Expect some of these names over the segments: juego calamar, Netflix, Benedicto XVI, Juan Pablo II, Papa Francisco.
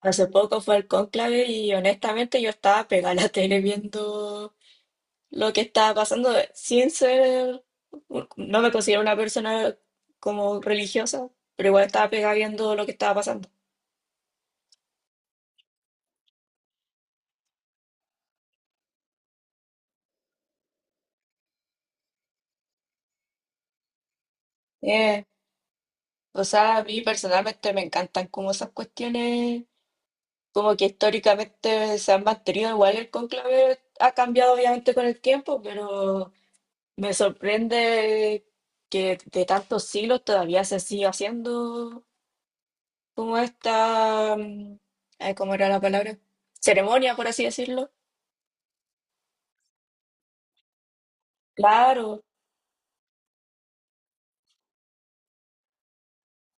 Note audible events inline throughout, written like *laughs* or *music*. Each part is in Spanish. Hace poco fue el cónclave y honestamente yo estaba pegada a la tele viendo lo que estaba pasando sin ser, no me considero una persona como religiosa, pero igual estaba pegada viendo lo que estaba pasando. Eh, o sea, a mí personalmente me encantan como esas cuestiones, como que históricamente se han mantenido igual el cónclave ha cambiado obviamente con el tiempo, pero me sorprende que de tantos siglos todavía se siga haciendo como esta, ay, ¿cómo era la palabra? Ceremonia, por así decirlo. Claro.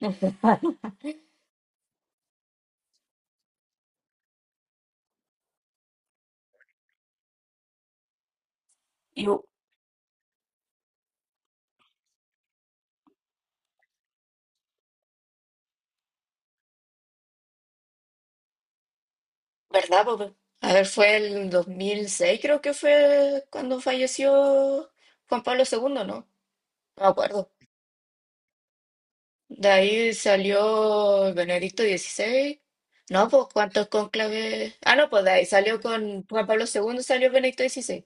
Ujú. Y, ¿verdad, papá? A ver, fue el 2006, creo que fue cuando falleció Juan Pablo II, ¿no? No me acuerdo. De ahí salió Benedicto XVI. No, pues, ¿cuántos cónclaves? Ah, no, pues de ahí salió con Juan Pablo II, salió Benedicto XVI.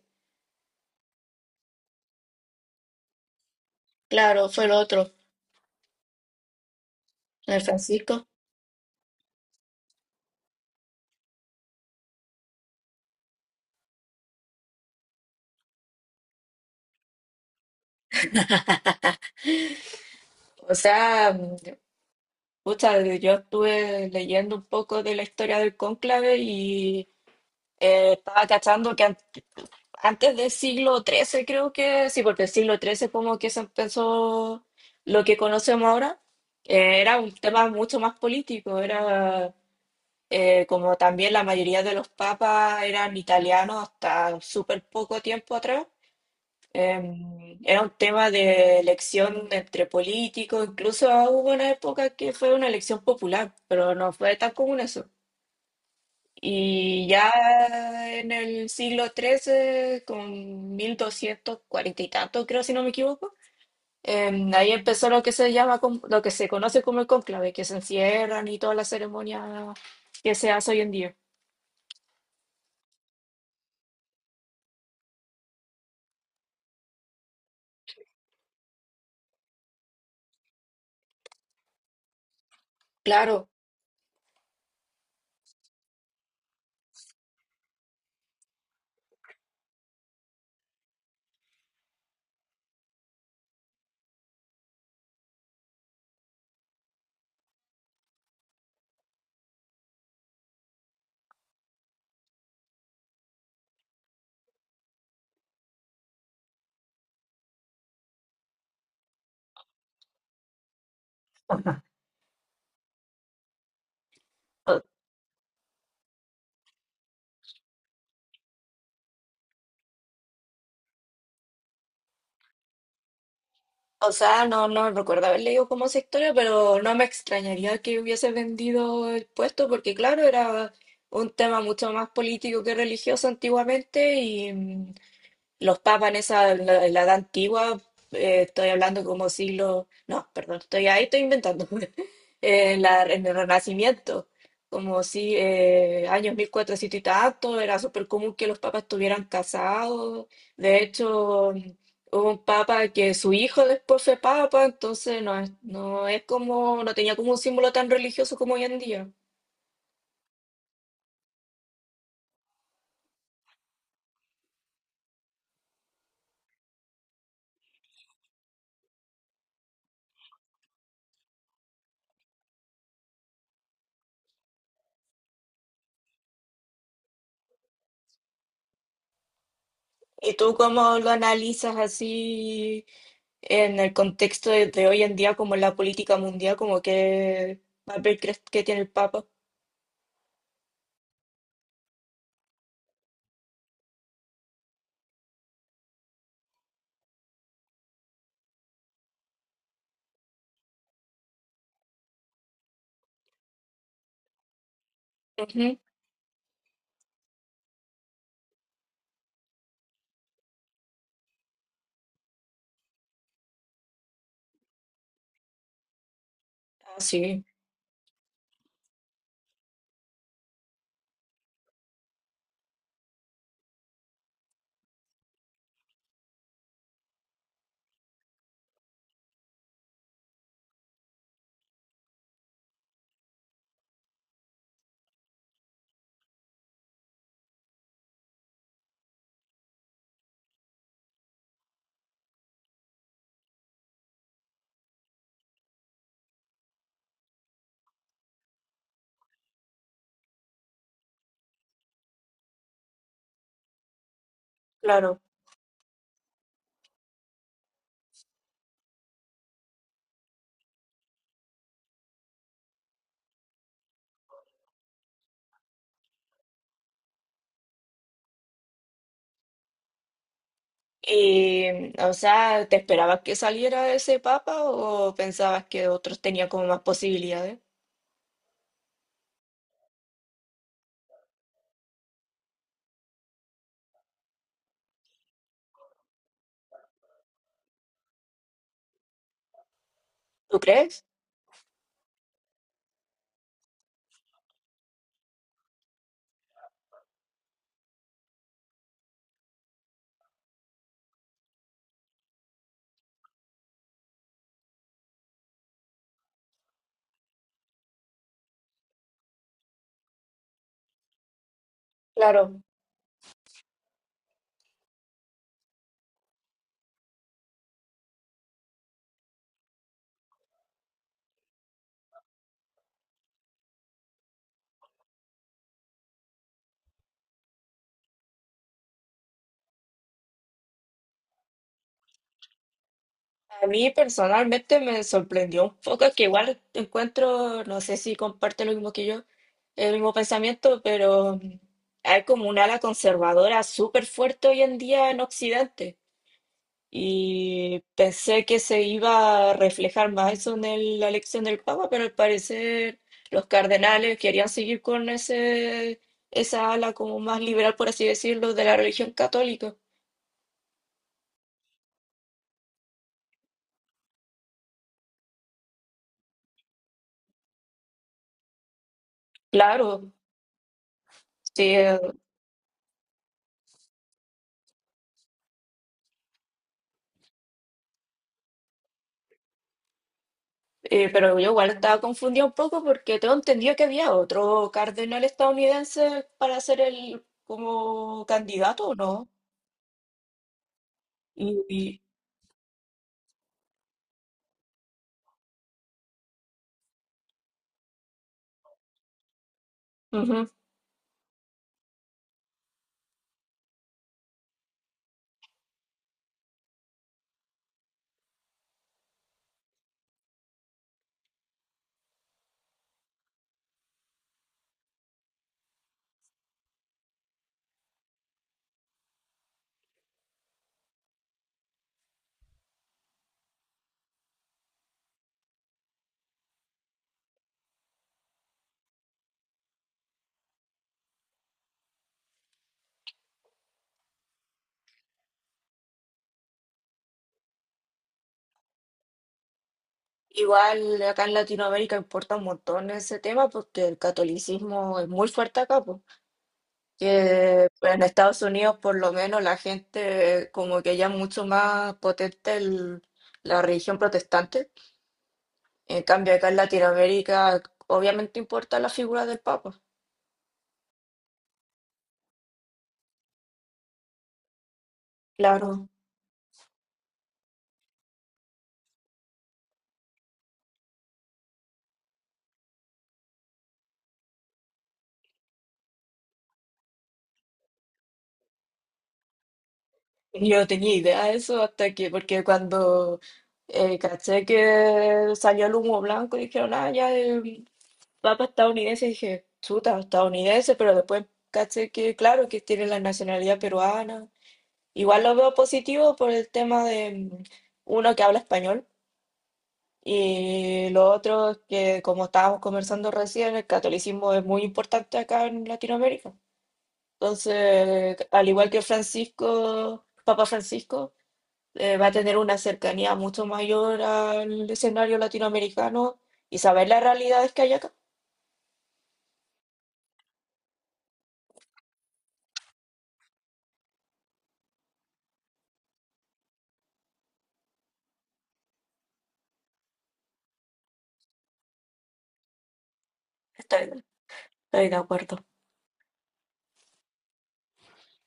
Claro, fue el otro, el Francisco. O sea, pucha, yo estuve leyendo un poco de la historia del cónclave y estaba cachando que antes del siglo XIII, creo que sí, porque el siglo XIII como que se empezó lo que conocemos ahora, era un tema mucho más político, era como también la mayoría de los papas eran italianos hasta súper poco tiempo atrás. Era un tema de elección entre políticos, incluso hubo una época que fue una elección popular, pero no fue tan común eso. Y ya en el siglo XIII, con 1240 y tanto, creo, si no me equivoco, ahí empezó lo que se llama, lo que se conoce como el cónclave, que se encierran y todas las ceremonias que se hace hoy en día. Claro, o sea, no, no recuerdo haber leído como esa historia, pero no me extrañaría que hubiese vendido el puesto, porque claro, era un tema mucho más político que religioso antiguamente y, los papas en la edad antigua, estoy hablando como siglo, no, perdón, estoy ahí, estoy inventando. *laughs* En el Renacimiento, como si años 1400 y tanto, era súper común que los papas estuvieran casados. De hecho, hubo un papa que su hijo después fue papa, entonces no es, no es como, no tenía como un símbolo tan religioso como hoy en día. ¿Y tú cómo lo analizas así? En el contexto de hoy en día, como en la política mundial, ¿como qué papel crees que tiene el Papa? Ujú. Ah, sí, claro. Y, o sea, ¿te esperabas que saliera ese papa o pensabas que otros tenían como más posibilidades? ¿Tú crees? Claro. A mí personalmente me sorprendió un poco que igual encuentro, no sé si comparte lo mismo que yo, el mismo pensamiento, pero hay como un ala conservadora súper fuerte hoy en día en Occidente. Y pensé que se iba a reflejar más eso en la elección del Papa, pero al parecer los cardenales querían seguir con esa ala como más liberal, por así decirlo, de la religión católica. Claro, sí, pero yo igual estaba confundida un poco porque tengo entendido que había otro cardenal estadounidense para ser el como candidato, ¿o no? Y, y- ujú. Igual acá en Latinoamérica importa un montón ese tema porque el catolicismo es muy fuerte acá, pues. Que en Estados Unidos por lo menos la gente como que ya es mucho más potente la religión protestante. En cambio acá en Latinoamérica obviamente importa la figura del Papa. Claro. Yo no tenía idea de eso hasta que, porque cuando caché que salió el humo blanco y dijeron, ah, ya, va para estadounidense, dije, chuta, estadounidense, pero después caché que, claro, que tiene la nacionalidad peruana. Igual lo veo positivo por el tema de uno que habla español y lo otro es que, como estábamos conversando recién, el catolicismo es muy importante acá en Latinoamérica. Entonces, al igual que Francisco, Papa Francisco, va a tener una cercanía mucho mayor al escenario latinoamericano y saber las realidades que hay acá. Estoy, estoy de acuerdo.